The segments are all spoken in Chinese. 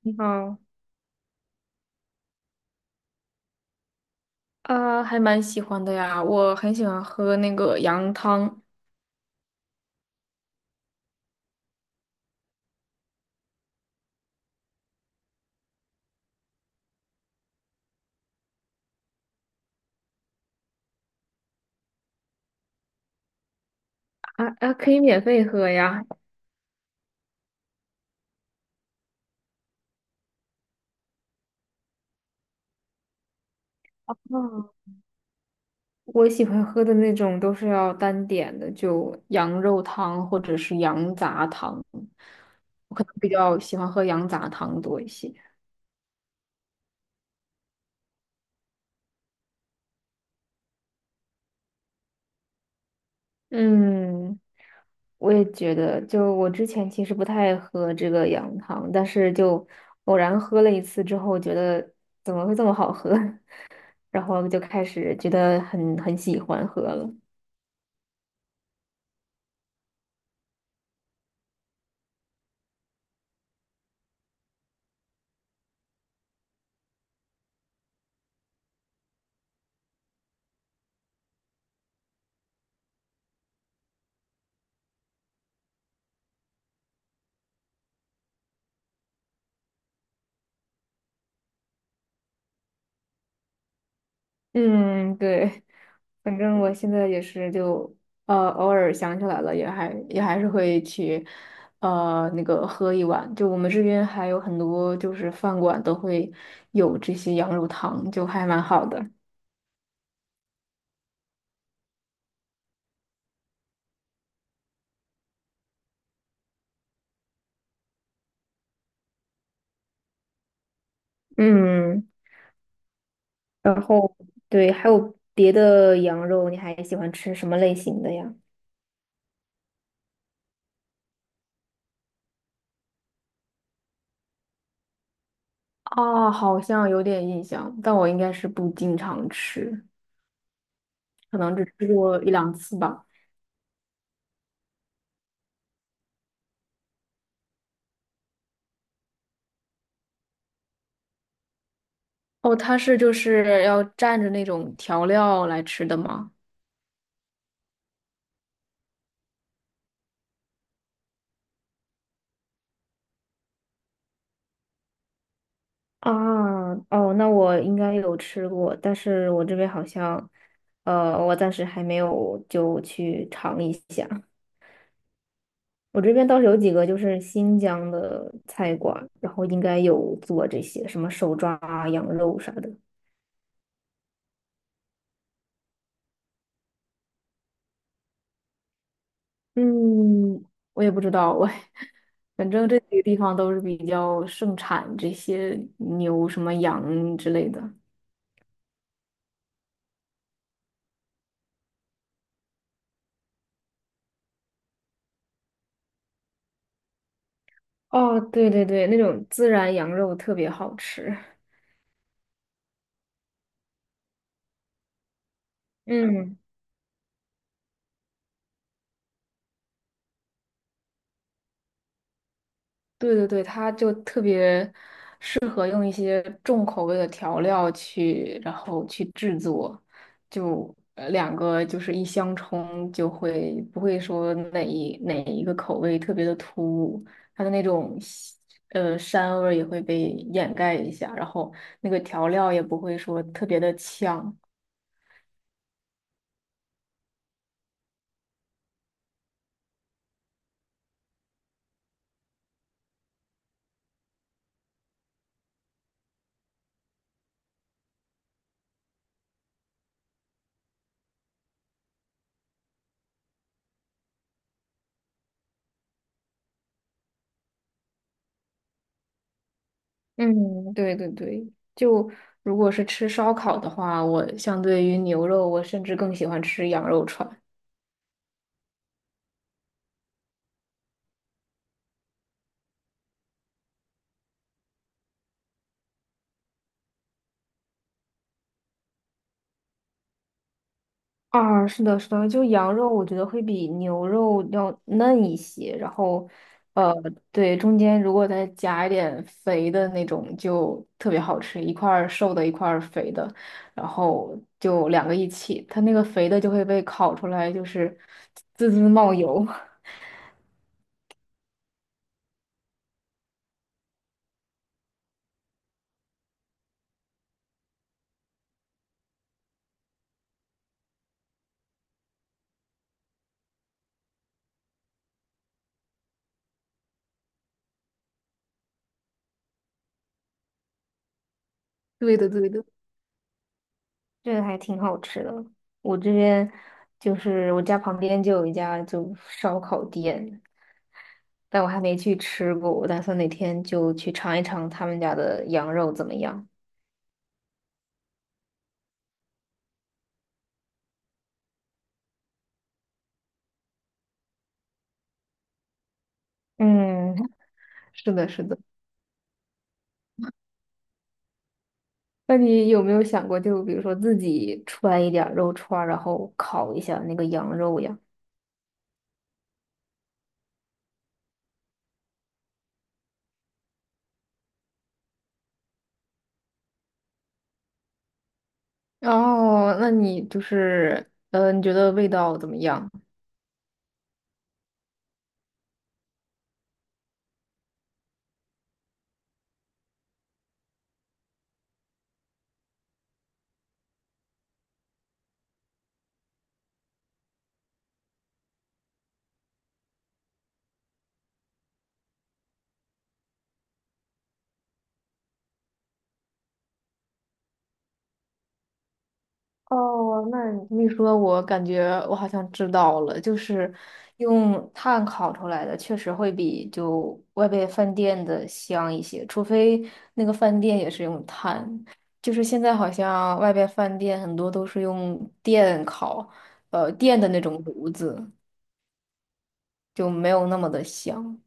你好，啊，还蛮喜欢的呀，我很喜欢喝那个羊汤。啊啊，可以免费喝呀。啊，我喜欢喝的那种都是要单点的，就羊肉汤或者是羊杂汤。我可能比较喜欢喝羊杂汤多一些。嗯，我也觉得，就我之前其实不太喝这个羊汤，但是就偶然喝了一次之后，觉得怎么会这么好喝？然后就开始觉得很喜欢喝了。嗯，对，反正我现在也是就偶尔想起来了，也还是会去那个喝一碗。就我们这边还有很多就是饭馆都会有这些羊肉汤，就还蛮好的。嗯，然后对，还有别的羊肉，你还喜欢吃什么类型的呀？啊，好像有点印象，但我应该是不经常吃，可能只吃过一两次吧。哦，它是就是要蘸着那种调料来吃的吗？啊，哦，那我应该有吃过，但是我这边好像，我暂时还没有就去尝一下。我这边倒是有几个就是新疆的菜馆，然后应该有做这些什么手抓啊羊肉啥的。嗯，我也不知道，我反正这几个地方都是比较盛产这些牛、什么羊之类的。哦，对对对，那种孜然羊肉特别好吃。嗯，对对对，它就特别适合用一些重口味的调料去，然后去制作，就两个就是一相冲，就会不会说哪一个口味特别的突兀，它的那种膻味儿也会被掩盖一下，然后那个调料也不会说特别的呛。嗯，对对对，就如果是吃烧烤的话，我相对于牛肉，我甚至更喜欢吃羊肉串。啊，是的，是的，就羊肉，我觉得会比牛肉要嫩一些，然后，呃，对，中间如果再加一点肥的那种，就特别好吃，一块儿瘦的，一块儿肥的，然后就两个一起，它那个肥的就会被烤出来，就是滋滋冒油。对的，对的。这个还挺好吃的。我这边就是我家旁边就有一家就烧烤店，但我还没去吃过，我打算哪天就去尝一尝他们家的羊肉怎么样。嗯，是的，是的。那你有没有想过，就比如说自己揣一点儿肉串儿，然后烤一下那个羊肉呀？哦，那你就是，嗯，你觉得味道怎么样？哦，那你一说，我感觉我好像知道了，就是用炭烤出来的，确实会比就外边饭店的香一些，除非那个饭店也是用炭。就是现在好像外边饭店很多都是用电烤，电的那种炉子，就没有那么的香。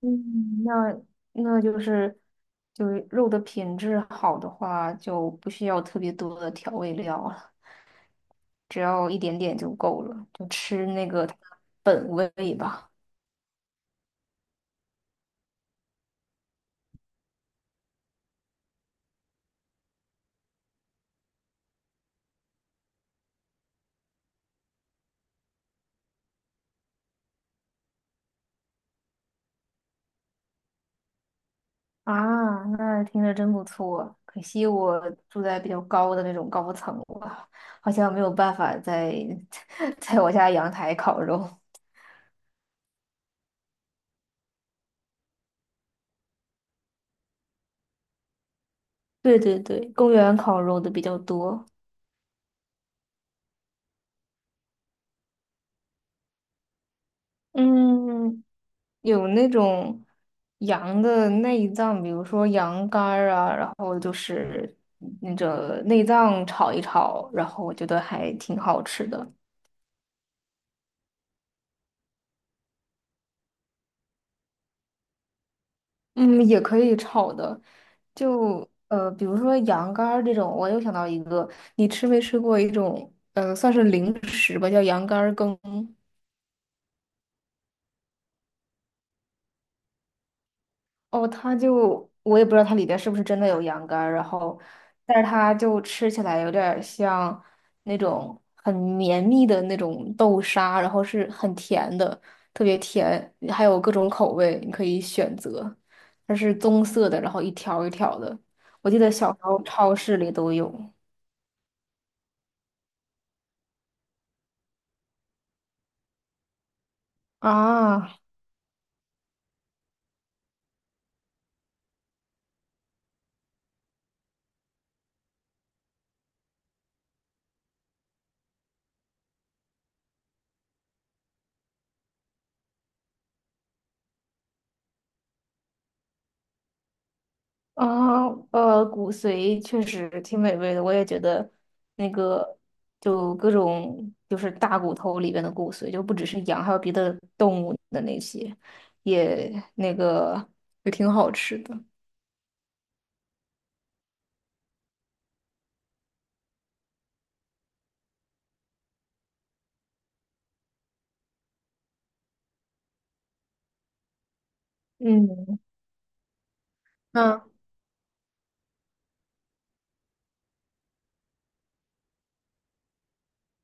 嗯，那那就是就是肉的品质好的话，就不需要特别多的调味料了。只要一点点就够了，就吃那个它的本味吧。啊，那听着真不错。可惜我住在比较高的那种高层了，好像没有办法在 在我家阳台烤肉。对对对，公园烤肉的比较多。嗯，有那种羊的内脏，比如说羊肝儿啊，然后就是那个内脏炒一炒，然后我觉得还挺好吃的。嗯，也可以炒的，就比如说羊肝儿这种，我又想到一个，你吃没吃过一种，算是零食吧，叫羊肝儿羹。哦，它就我也不知道它里边是不是真的有羊肝儿，然后，但是它就吃起来有点儿像那种很绵密的那种豆沙，然后是很甜的，特别甜，还有各种口味你可以选择，它是棕色的，然后一条儿一条儿的，我记得小时候超市里都有。啊啊，骨髓确实挺美味的，我也觉得那个就各种就是大骨头里边的骨髓，就不只是羊，还有别的动物的那些，也那个也挺好吃的。嗯，那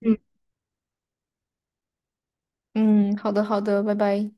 嗯嗯，好的好的，拜拜。